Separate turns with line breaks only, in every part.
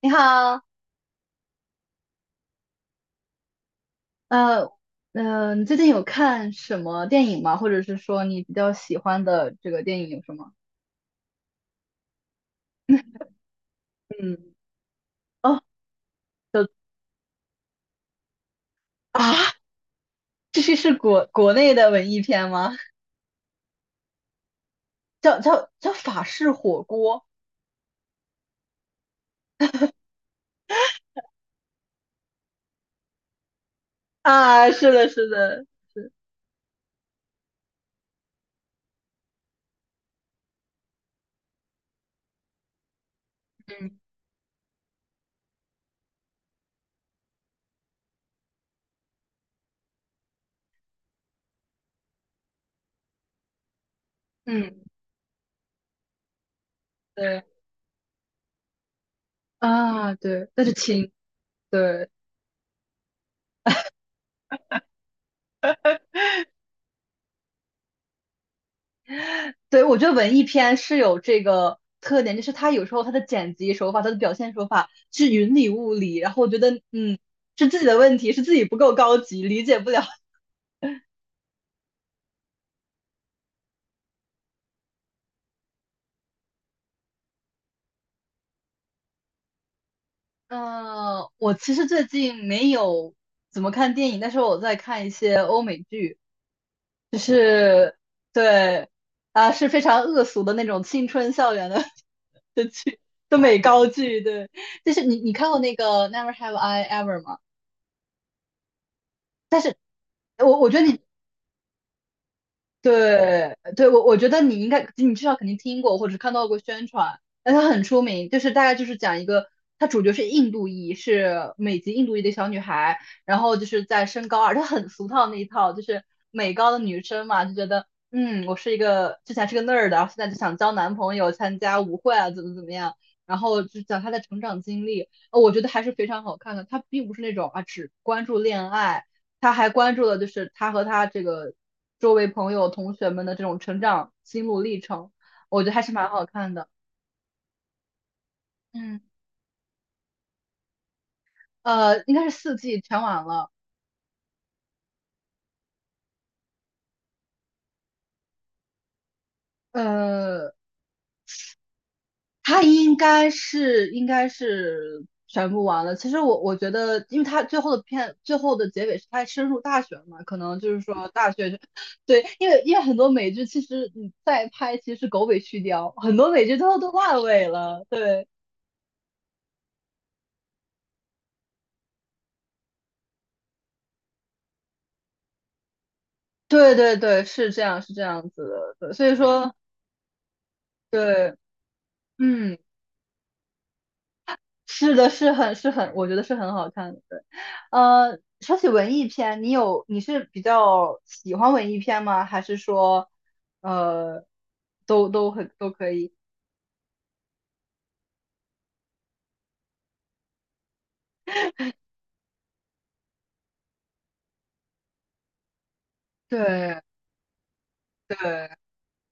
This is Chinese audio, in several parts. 你好，呃，你最近有看什么电影吗？或者是说你比较喜欢的这个电影有什么？嗯。哦。的。啊，这是国内的文艺片吗？叫法式火锅。啊，是的，是的。嗯嗯。对啊。对，那就亲。对。对，我觉得文艺片是有这个特点，就是它有时候它的剪辑手法、它的表现手法是云里雾里，然后我觉得，是自己的问题，是自己不够高级，理解不了。嗯、我其实最近没有怎么看电影，但是我在看一些欧美剧，就是对。啊，是非常恶俗的那种青春校园的 的的美高剧。对，就是你看过那个《Never Have I Ever》吗？但是我觉得你对对，我觉得你应该，你至少肯定听过或者看到过宣传，但它很出名，就是大概就是讲一个，它主角是印度裔，是美籍印度裔的小女孩，然后就是在升高二，她很俗套那一套，就是美高的女生嘛，就觉得嗯，我是一个之前是个 nerd,然后现在就想交男朋友，参加舞会啊，怎么样，然后就讲她的成长经历，我觉得还是非常好看的，她并不是那种啊只关注恋爱。她还关注了就是她和她这个周围朋友、同学们的这种成长心路历程，我觉得还是蛮好看的。嗯。应该是四季全完了。呃，它应该是应该是全部完了。其实我觉得，因为它最后的片最后的结尾是它深入大学嘛，可能就是说大学。对，因为因为很多美剧其实你再拍其实是狗尾续貂，很多美剧最后都烂尾了。对。对，是这样是这样子的。对，所以说对。嗯。是的，是很是很，我觉得是很好看的。对。说起文艺片，你有你是比较喜欢文艺片吗？还是说，呃，都都很都可以？对对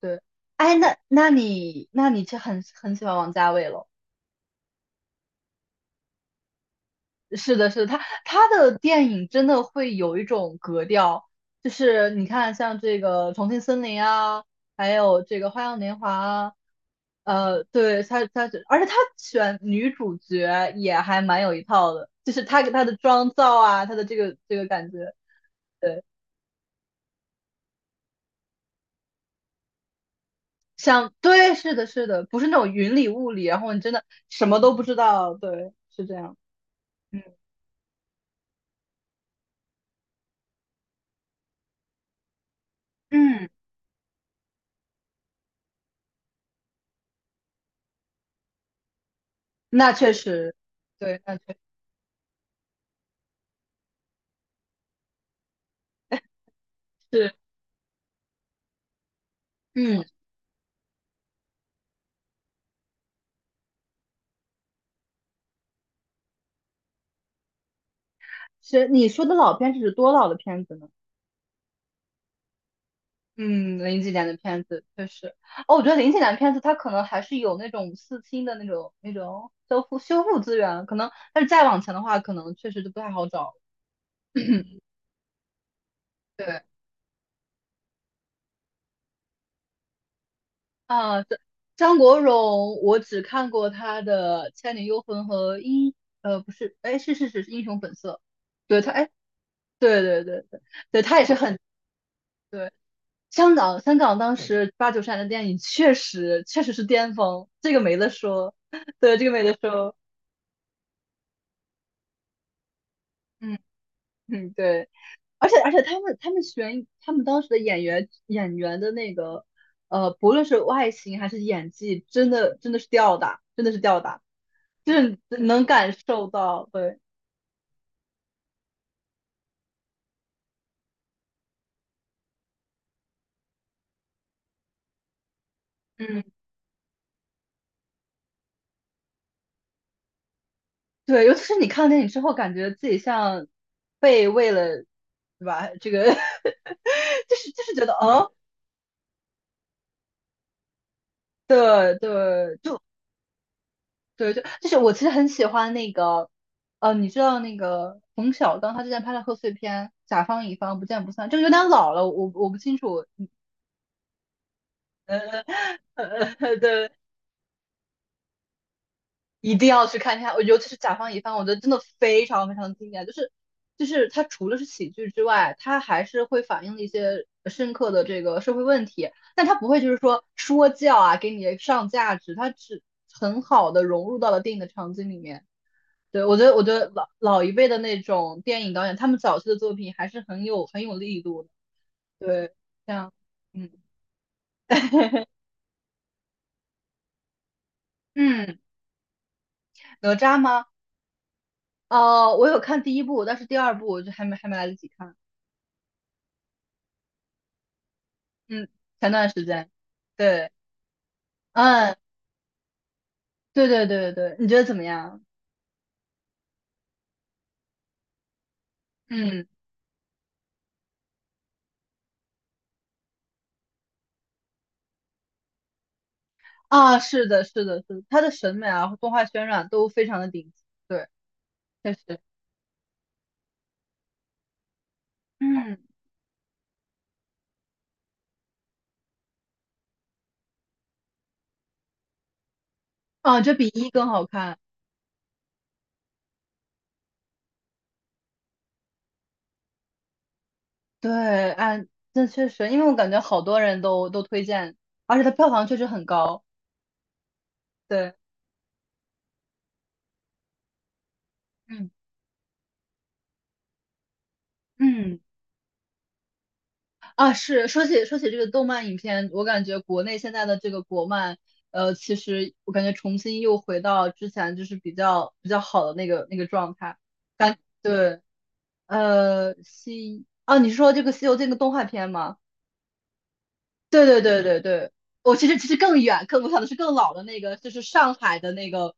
对。哎，那你就很很喜欢王家卫咯。是的，是的，他他的电影真的会有一种格调，就是你看像这个《重庆森林》啊，还有这个《花样年华》啊对，她她是，而且她选女主角也还蛮有一套的，就是她给她的妆造啊，她的这个这个感觉。对，像对，是的，是的，不是那种云里雾里，然后你真的什么都不知道。对，是这样。嗯嗯，那确实。对，那确实是。嗯，是你说的老片是指多老的片子呢？嗯，零几年的片子确实。哦，我觉得零几年的片子它可能还是有那种四清的那种那种修复修复资源，可能，但是再往前的话，可能确实就不太好找。对。啊，这张国荣，我只看过他的《倩女幽魂》和英，不是，哎，是，是英雄本色。对他，哎，对对对对，对他也是很对。香港，香港当时八九十年代的电影确实确实是巅峰，这个没得说，对，这个没得说。嗯。嗯，对，而且而且他们他们选他们当时的演员演员的那个不论是外形还是演技，真的真的是吊打，真的是吊打，就是能感受到。对。嗯。对，尤其是你看电影之后，感觉自己像被为了，对吧？这个 就是就是觉得，哦，对对。就对，就就是我其实很喜欢那个。你知道那个冯小刚他之前拍的贺岁片《甲方乙方不见不散》，这个有点老了，我不清楚。对，一定要去看一下，我尤其是《甲方乙方》，我觉得真的非常非常经典，就是就是它除了是喜剧之外，它还是会反映了一些深刻的这个社会问题，但它不会就是说说教啊，给你上价值，它只很好的融入到了电影的场景里面。对，我觉得，我觉得老老一辈的那种电影导演，他们早期的作品还是很有很有力度的。对。像。嗯。嗯，哪吒吗？哦，我有看第一部，但是第二部我就还没还没来得及看。嗯，前段时间。对。嗯，对对对对，你觉得怎么样？嗯。啊，是的，是的，是的他的审美啊，动画渲染都非常的顶级。对，确实。嗯。啊，这比一更好看。对。啊，那确实，因为我感觉好多人都都推荐，而且它票房确实很高。对。嗯嗯啊，是说起说起这个动漫影片，我感觉国内现在的这个国漫，其实我感觉重新又回到之前就是比较比较好的那个那个状态。感对。西啊，你是说这个《西游记》那个动画片吗？对对对对对，我其实其实更远，更我想的是更老的那个，就是上海的那个，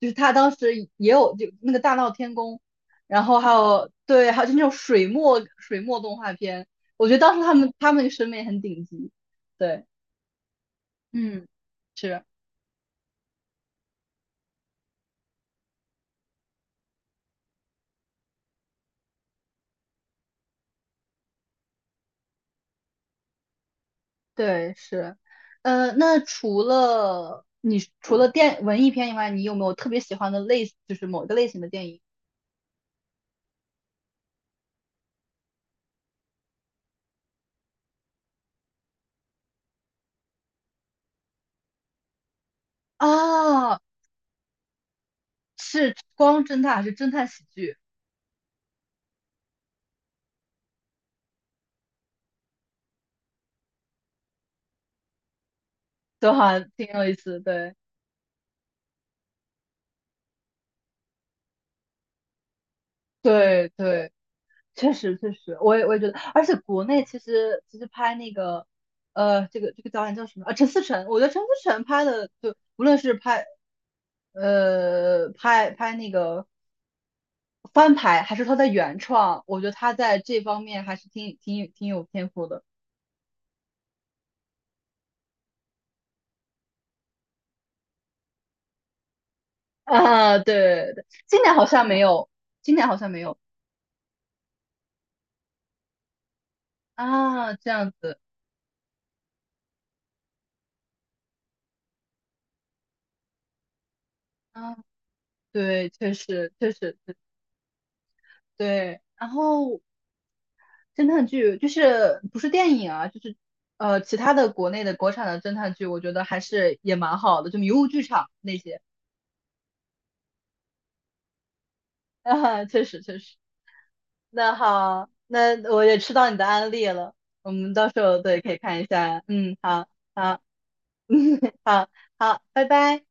就是他当时也有就那个大闹天宫，然后还有对，还有就那种水墨水墨动画片，我觉得当时他们他们审美很顶级。对。嗯，是。对是。那除了你除了电文艺片以外，你有没有特别喜欢的类，就是某个类型的电影啊？是光侦探还是侦探喜剧？都还挺有意思。对对对，确实确实，我也我也觉得，而且国内其实其实拍那个，这个这个导演叫什么啊？陈思诚，我觉得陈思诚拍的，就无论是拍，拍那个翻拍，还是他的原创，我觉得他在这方面还是挺有天赋的啊。对对，今年好像没有，今年好像没有啊，这样子啊。对，确实确实对。然后侦探剧就是不是电影啊，就是其他的国内的国产的侦探剧，我觉得还是也蛮好的，就迷雾剧场那些。啊，确实确实。那好，那我也吃到你的安利了，我们到时候对可以看一下。嗯，好好，嗯，好好，拜拜。